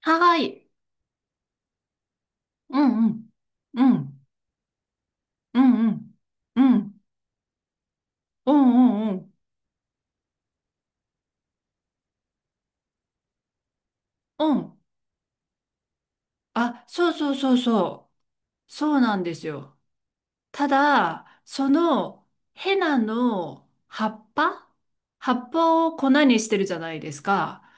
はーい。うんうん。うん。うんうん。うん。うんうんうん。うん。あ、そうそうそうそう。そうなんですよ。ただ、そのヘナの葉っぱを粉にしてるじゃないですか。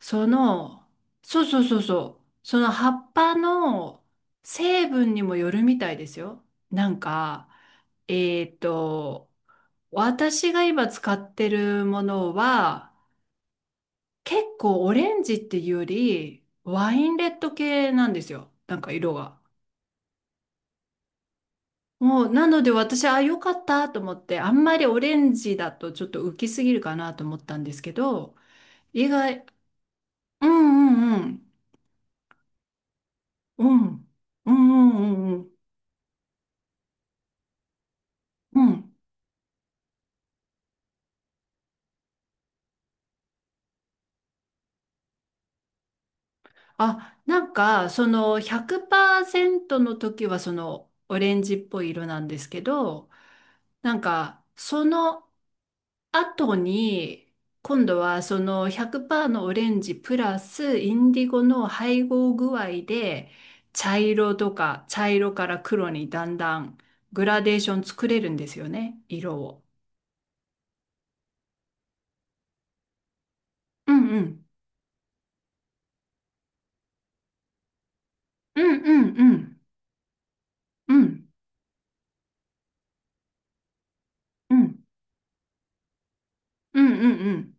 その、そうそうそうそう。その葉っぱの成分にもよるみたいですよ。なんか、えっと、私が今使ってるものは、結構オレンジっていうより、ワインレッド系なんですよ。なんか色が。もう、なので私、あ、良かったと思って、あんまりオレンジだとちょっと浮きすぎるかなと思ったんですけど、意外。うんうんうん。うん。うんうんうんうん。うん。あ、なんか、その100%の時はそのオレンジっぽい色なんですけど、なんか、その、後に、今度はその100%のオレンジプラスインディゴの配合具合で、茶色とか茶色から黒にだんだんグラデーション作れるんですよね、色を。うんうん。うんうんうんうんうんうんうんうん。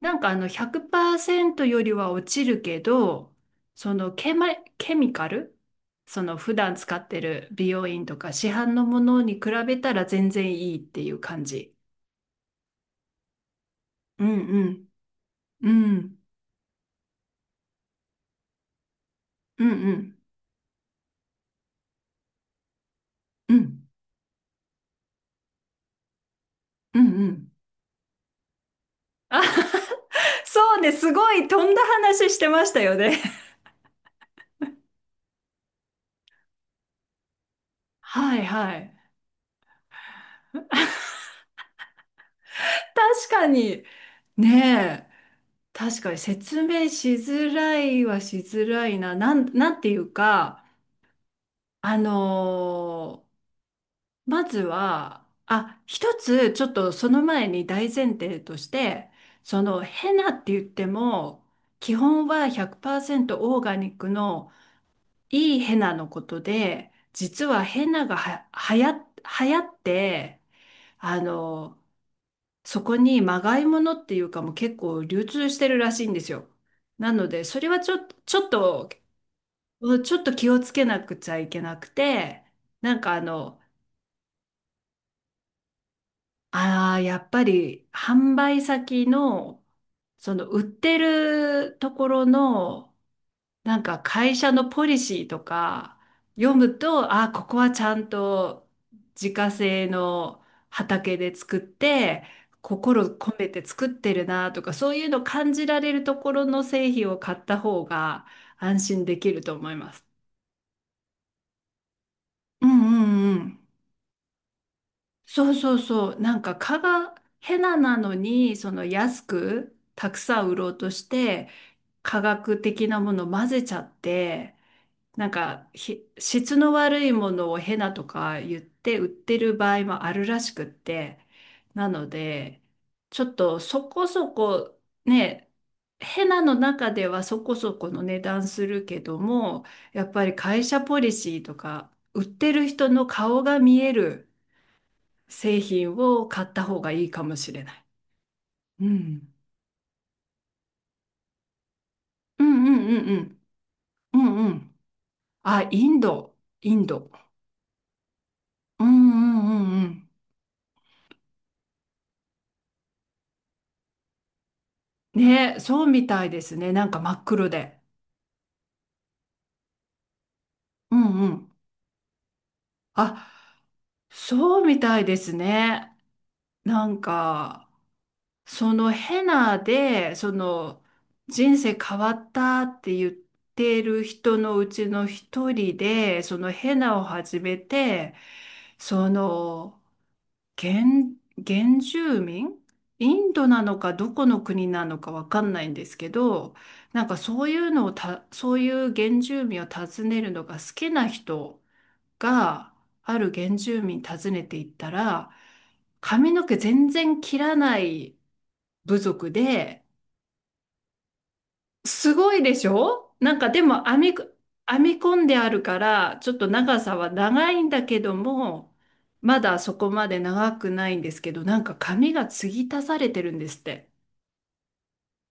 なんかあの100%よりは落ちるけど、そのケミカル、その普段使ってる美容院とか市販のものに比べたら全然いいっていう感じ。うんうん。うん。うんうん。うん。うんうん。あ。 そうね。すごい飛んだ話してましたよね。はいはい。確かに。ねえ。確かに説明しづらいはしづらいな。なんていうか、あのーまずは、あ、一つ、ちょっとその前に大前提として、そのヘナって言っても、基本は100%オーガニックのいいヘナのことで、実はヘナがは、はや、流行って、あの、そこにまがいものっていうかもう結構流通してるらしいんですよ。なので、それはちょっと、ちょっと気をつけなくちゃいけなくて、なんかああ、やっぱり販売先の、その売ってるところの、なんか会社のポリシーとか読むと、あ、ここはちゃんと自家製の畑で作って、心込めて作ってるなとか、そういうの感じられるところの製品を買った方が安心できると思います。うんうんうん。そうそうそう。なんか蚊がヘナなのに、その安くたくさん売ろうとして、科学的なものを混ぜちゃって、なんかひ質の悪いものをヘナとか言って売ってる場合もあるらしくって、なので、ちょっとそこそこね、ヘナの中ではそこそこの値段するけども、やっぱり会社ポリシーとか、売ってる人の顔が見える製品を買った方がいいかもしれない。うん。うんうんうんうん。うんうん。あ、インド。インド。うんうんうんうん。ね、そうみたいですね。なんか真っ黒で。うんうん。あ、そうみたいですね。なんか、そのヘナで、人生変わったって言ってる人のうちの一人で、そのヘナを始めて、その、原、原住民、インドなのかどこの国なのかわかんないんですけど、なんかそういうのをた、そういう原住民を訪ねるのが好きな人が、ある原住民訪ねていったら、髪の毛全然切らない部族で、すごいでしょ。なんかでも編み込んであるから、ちょっと長さは長いんだけども、まだそこまで長くないんですけど、なんか髪が継ぎ足されてるんですって。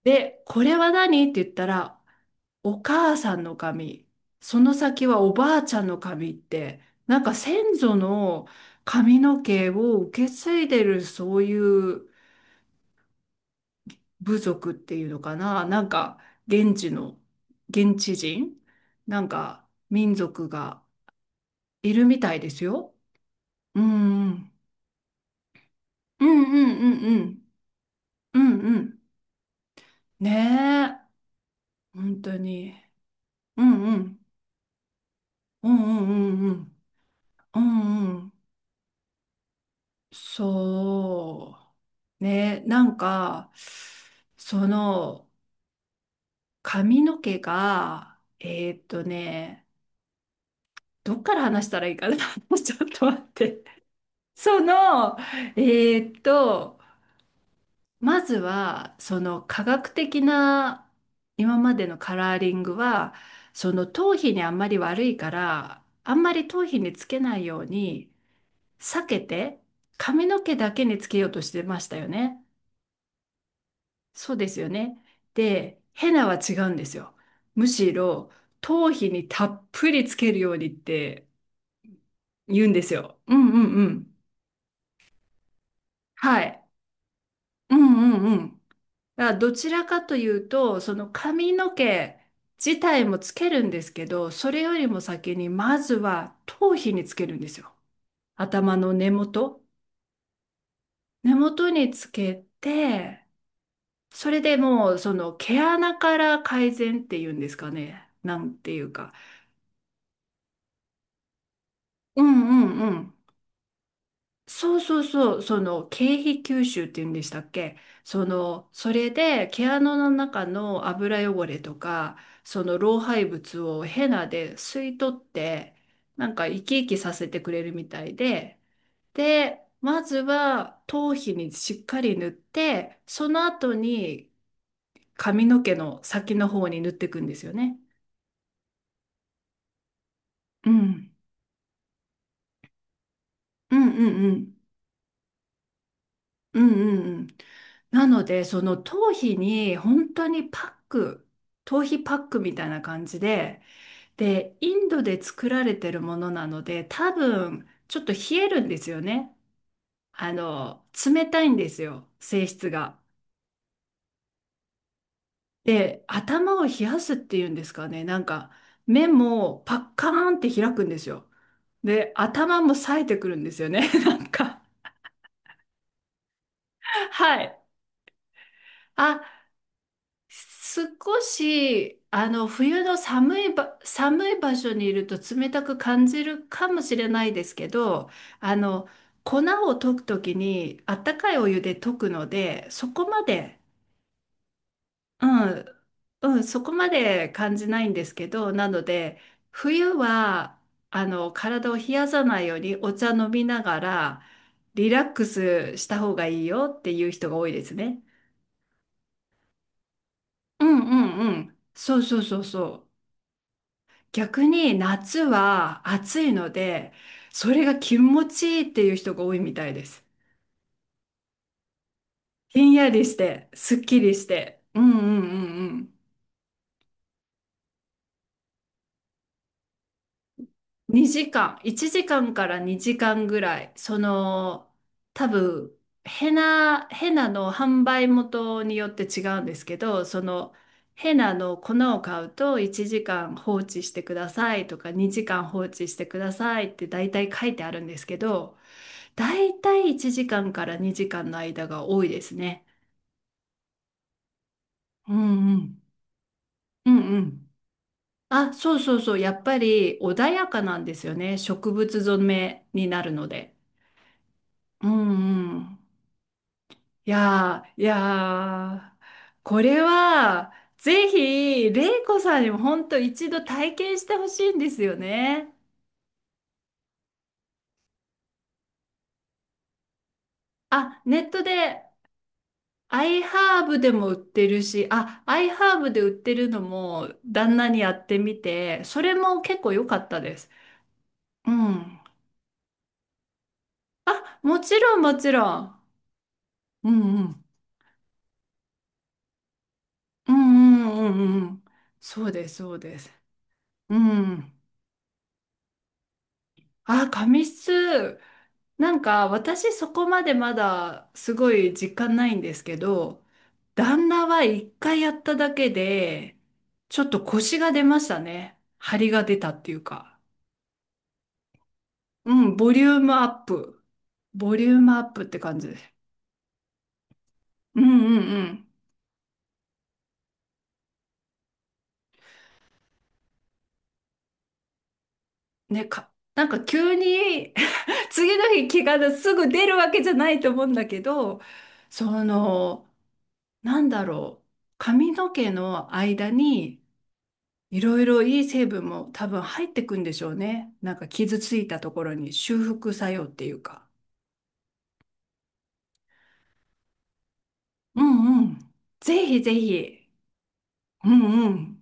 で、これは何って言ったら、お母さんの髪、その先はおばあちゃんの髪って、なんか先祖の髪の毛を受け継いでるそういう部族っていうのかな、なんか現地の、現地人、なんか民族がいるみたいですよ。うんうん。うんうんうんうん。うんうん。ねえ。本当に。うんうん。うんうんうんうん。うんうん。そう。ねえ、なんか、その髪の毛が、どっから話したらいいかな。ちょっと待って。その、えーっと、まずは、その科学的な今までのカラーリングは、その頭皮にあんまり悪いから、あんまり頭皮につけないように避けて、髪の毛だけにつけようとしてましたよね。そうですよね。で、ヘナは違うんですよ。むしろ、頭皮にたっぷりつけるようにって言うんですよ。うんうんうん。はい。うんうんうん。あ、どちらかというと、その髪の毛自体もつけるんですけど、それよりも先にまずは頭皮につけるんですよ。頭の根元。根元につけて、それでもうその毛穴から改善っていうんですかね。なんていうか。うんうんうん。そうそうそう、その経費吸収っていうんでしたっけ？それで毛穴の中の油汚れとか、その老廃物をヘナで吸い取って、なんか生き生きさせてくれるみたいで、で、まずは頭皮にしっかり塗って、その後に髪の毛の先の方に塗っていくんですよね。うん。うんうんうん。うんうんうん。なので、その頭皮に本当にパック、頭皮パックみたいな感じで、で、インドで作られてるものなので、多分、ちょっと冷えるんですよね。冷たいんですよ、性質が。で、頭を冷やすっていうんですかね。なんか、目もパッカーンって開くんですよ。で、頭も冴えてくるんですよね。なんか、はい。あ、少し、冬の寒い場所にいると冷たく感じるかもしれないですけど、あの、粉を溶くときに、あったかいお湯で溶くので、そこまで、うん、うん、そこまで感じないんですけど、なので、冬は、体を冷やさないようにお茶飲みながら、リラックスした方がいいよっていう人が多いですね。うんうんうん。そうそうそうそう。逆に夏は暑いので、それが気持ちいいっていう人が多いみたいです。ひんやりして、すっきりして。うんうんうんうん。2時間、1時間かんから2時間ぐらい、多分、ヘナの販売元によって違うんですけど、ヘナの粉を買うと1時間放置してくださいとか2時間放置してくださいって大体書いてあるんですけど、大体1時間かんから2時間の間が多いですね。うんうん。うんうん。あ、そうそうそう。やっぱり穏やかなんですよね。植物染めになるので。うんうん。いやー、いやー、これは、ぜひ、れいこさんにも本当一度体験してほしいんですよね。あ、ネットで、アイハーブでも売ってるし、あ、アイハーブで売ってるのも、旦那にやってみて、それも結構良かったです。うん。あ、もちろん、もちろん。うんうん。うんうんうんうんうん。そうです、そうです。うん。あ、紙質。なんか私そこまでまだすごい実感ないんですけど、旦那は一回やっただけで、ちょっと腰が出ましたね。張りが出たっていうか。うん、ボリュームアップ。ボリュームアップって感じです。うんうんうん。ね、なんか急に 次の日気がすぐ出るわけじゃないと思うんだけど、その、なんだろう。髪の毛の間に、いろいろいい成分も多分入ってくんでしょうね。なんか傷ついたところに修復作用っていうか。うんうん。ぜひぜひ。うんうん。